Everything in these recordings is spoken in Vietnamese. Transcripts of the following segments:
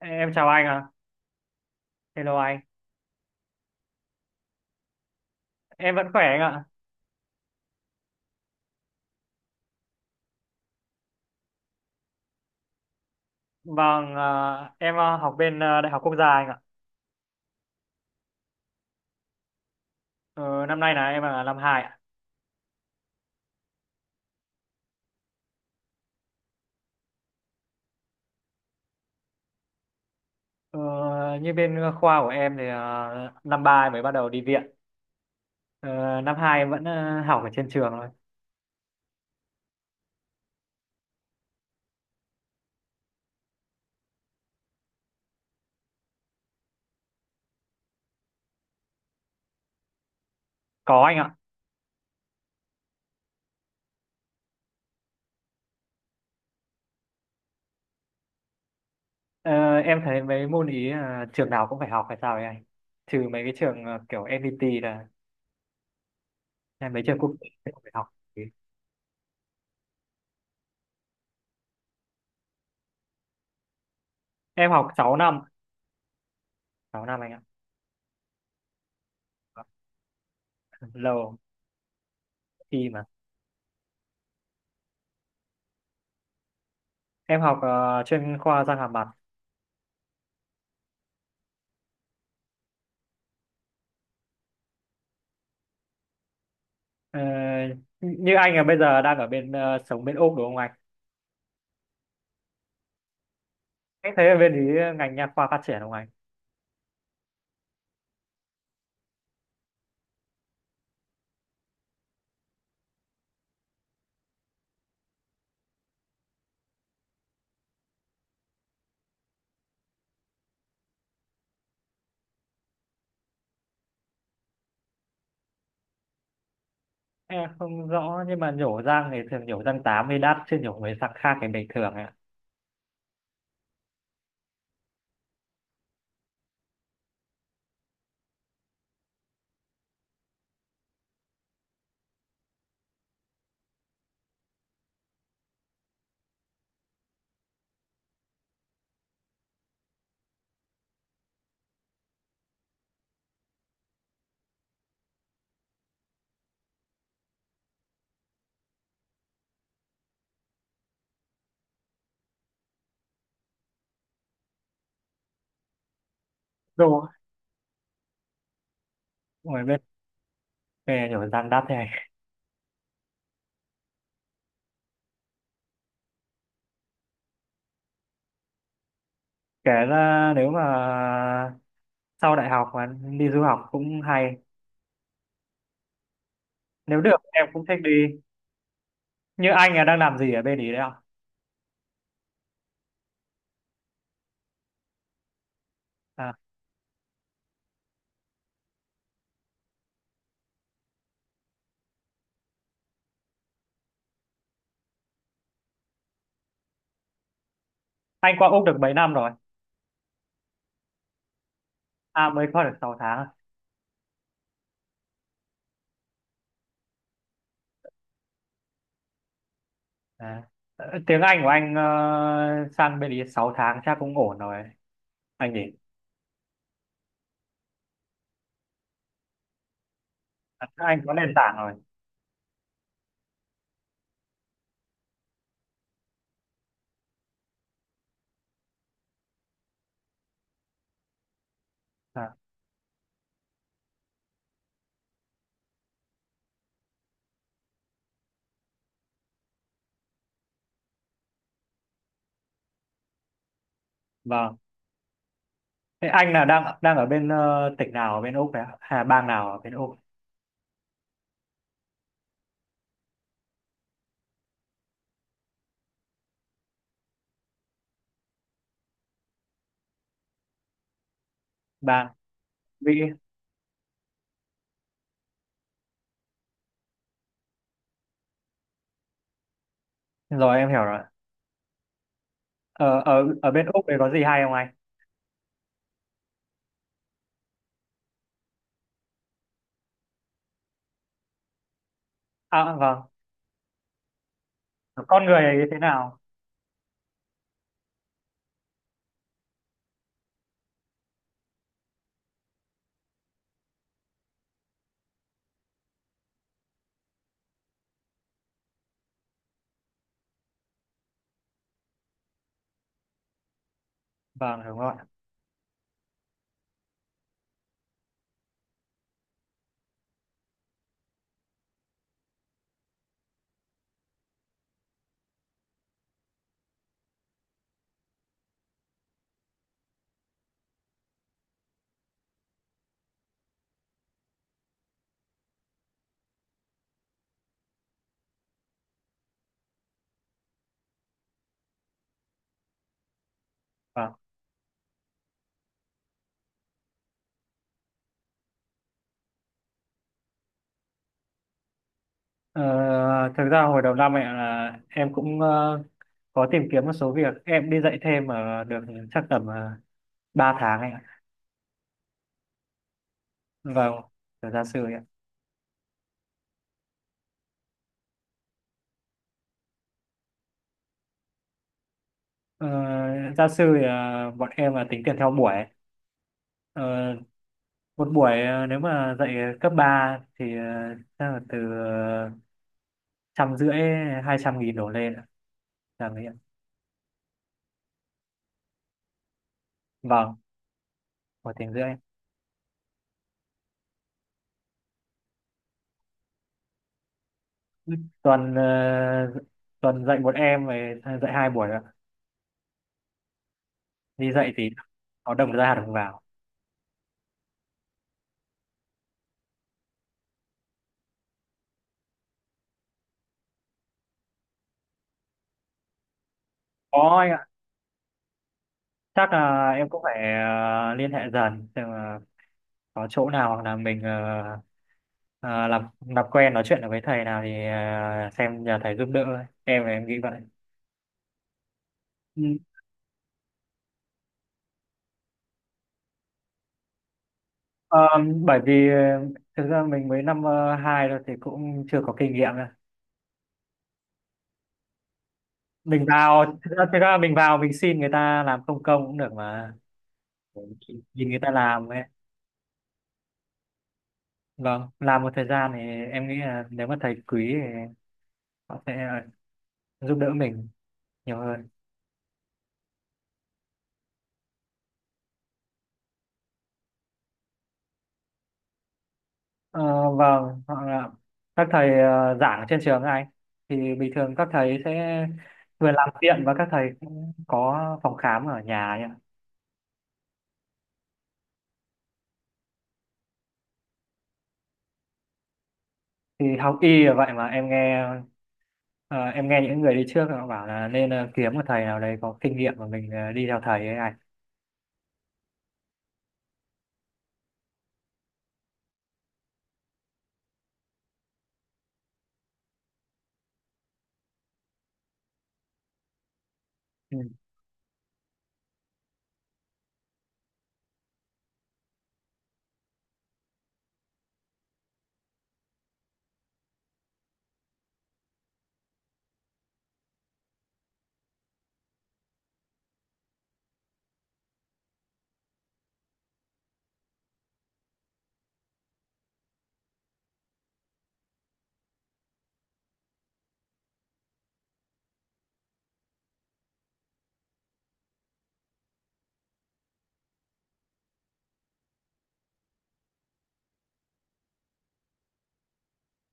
Em chào anh ạ. Hello anh. Em vẫn khỏe anh ạ. Vâng, em học bên Đại học Quốc gia anh ạ. Ờ, Năm nay em năm hai ạ. Ờ, như bên khoa của em thì năm 3 em mới bắt đầu đi viện. Ờ, năm 2 em vẫn học ở trên trường thôi. Có anh ạ. Ờ, em thấy mấy môn ý trường nào cũng phải học hay sao ấy anh? Trừ mấy cái trường kiểu FPT là mấy trường quốc tế cũng phải học. Em học 6 năm. Sáu năm anh ạ. Lâu, khi mà. Em học chuyên khoa răng hàm mặt. Ờ, như anh là bây giờ đang ở bên sống bên Úc đúng không anh? Anh thấy ở bên ý ngành nha khoa phát triển không anh? Em không rõ nhưng mà nhổ răng thì thường nhổ răng 8 thì đắt chứ nhổ mấy răng khác thì bình thường ạ. Đúng rồi. Ngoài bên nghề nhổ răng đắt thế anh. Kể ra nếu mà sau đại học mà đi du học cũng hay. Nếu được em cũng thích đi. Như anh là đang làm gì ở bên ý đấy ạ? À, anh qua Úc được mấy năm rồi? À mới qua được 6 tháng. À, tiếng Anh của anh sang bên ý 6 tháng chắc cũng ổn rồi anh nhỉ. À, anh có nền tảng rồi. À, vâng, thế anh là đang đang ở bên tỉnh nào ở bên Úc đấy ạ? Hay là bang nào ở bên Úc? Bang Mỹ, rồi em hiểu rồi. Ở ở ở bên Úc đấy có gì hay không anh? À vâng, con người ấy thế nào? Vâng đúng rồi. Vâng. Ờ, thực ra hồi đầu năm ấy là em cũng có tìm kiếm một số việc, em đi dạy thêm ở được chắc tầm ba tháng anh ạ. Vâng, giờ ra sư. Ờ, gia sư thì bọn em là tính tiền theo buổi. Ờ, một buổi nếu mà dạy cấp 3 thì chắc là từ trăm rưỡi, hai trăm nghìn đổ lên ạ. Là mấy ạ? Vâng, một tiếng rưỡi. Tuần tuần dạy một em về dạy hai buổi ạ. Đi dạy thì có đồng ra đồng vào. Có anh ạ, chắc là em cũng phải liên hệ dần xem là có chỗ nào, hoặc là mình làm quen nói chuyện được với thầy nào thì à, xem nhờ thầy giúp đỡ thôi. Em là em nghĩ vậy. Ừ. Ờ, bởi vì thực ra mình mới năm hai thôi thì cũng chưa có kinh nghiệm đâu. Mình vào thực ra mình vào mình xin người ta làm không công cũng được mà, nhìn người ta làm ấy. Vâng, làm một thời gian thì em nghĩ là nếu mà thầy quý thì họ sẽ giúp đỡ mình nhiều hơn. Ờ, vâng, hoặc là các thầy giảng ở trên trường này thì bình thường các thầy sẽ vừa làm viện và các thầy cũng có phòng khám ở nhà ấy ạ. Thì học y là vậy mà, em nghe ờ, em nghe những người đi trước họ bảo là nên kiếm một thầy nào đấy có kinh nghiệm và mình đi theo thầy ấy anh. Ừ.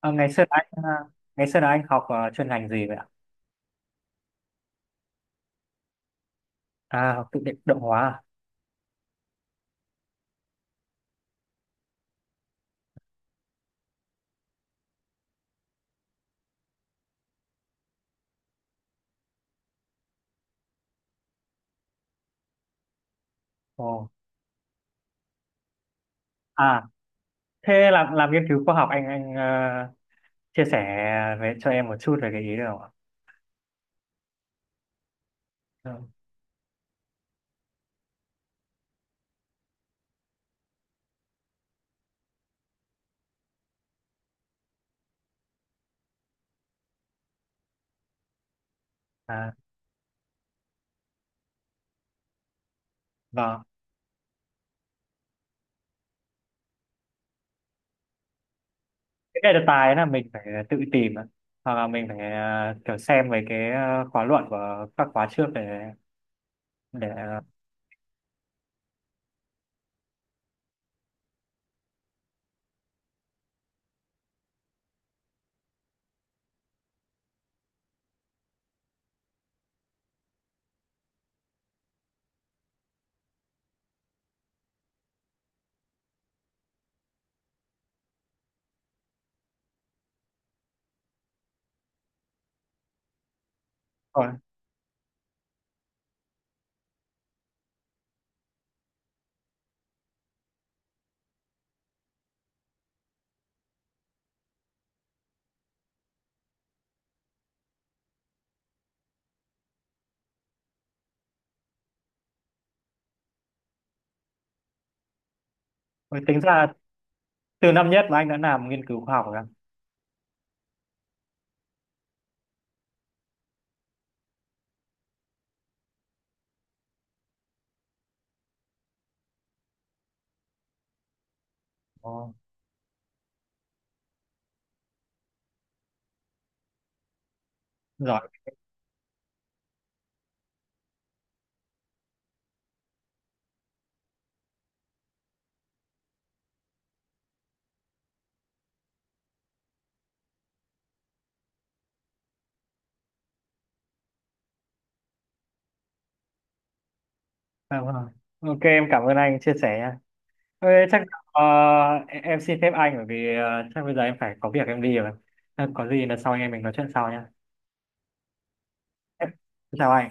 Ờ, ngày xưa là anh ờ, Ngày xưa là anh học chuyên ngành gì vậy ạ? À, học tự định động hóa à? Ồ. À, thế làm nghiên cứu khoa học anh chia sẻ về cho em một chút về cái ý được không ạ? Ừ. À, vâng, cái này là tài là mình phải tự tìm ạ. Hoặc là mình phải à, kiểu xem về cái à, khóa luận của các khóa trước để để. Ôi, ôi, tính ra từ năm nhất mà anh đã làm nghiên cứu khoa học rồi ạ. Ồ, giỏi. Vâng, vâng. Ok, em cảm ơn anh chia sẻ nha. Ok, chắc ờ, em xin phép anh bởi vì chắc bây giờ em phải có việc em đi rồi. Ờ, có gì là sau anh em mình nói chuyện sau nha. Em- Chào anh.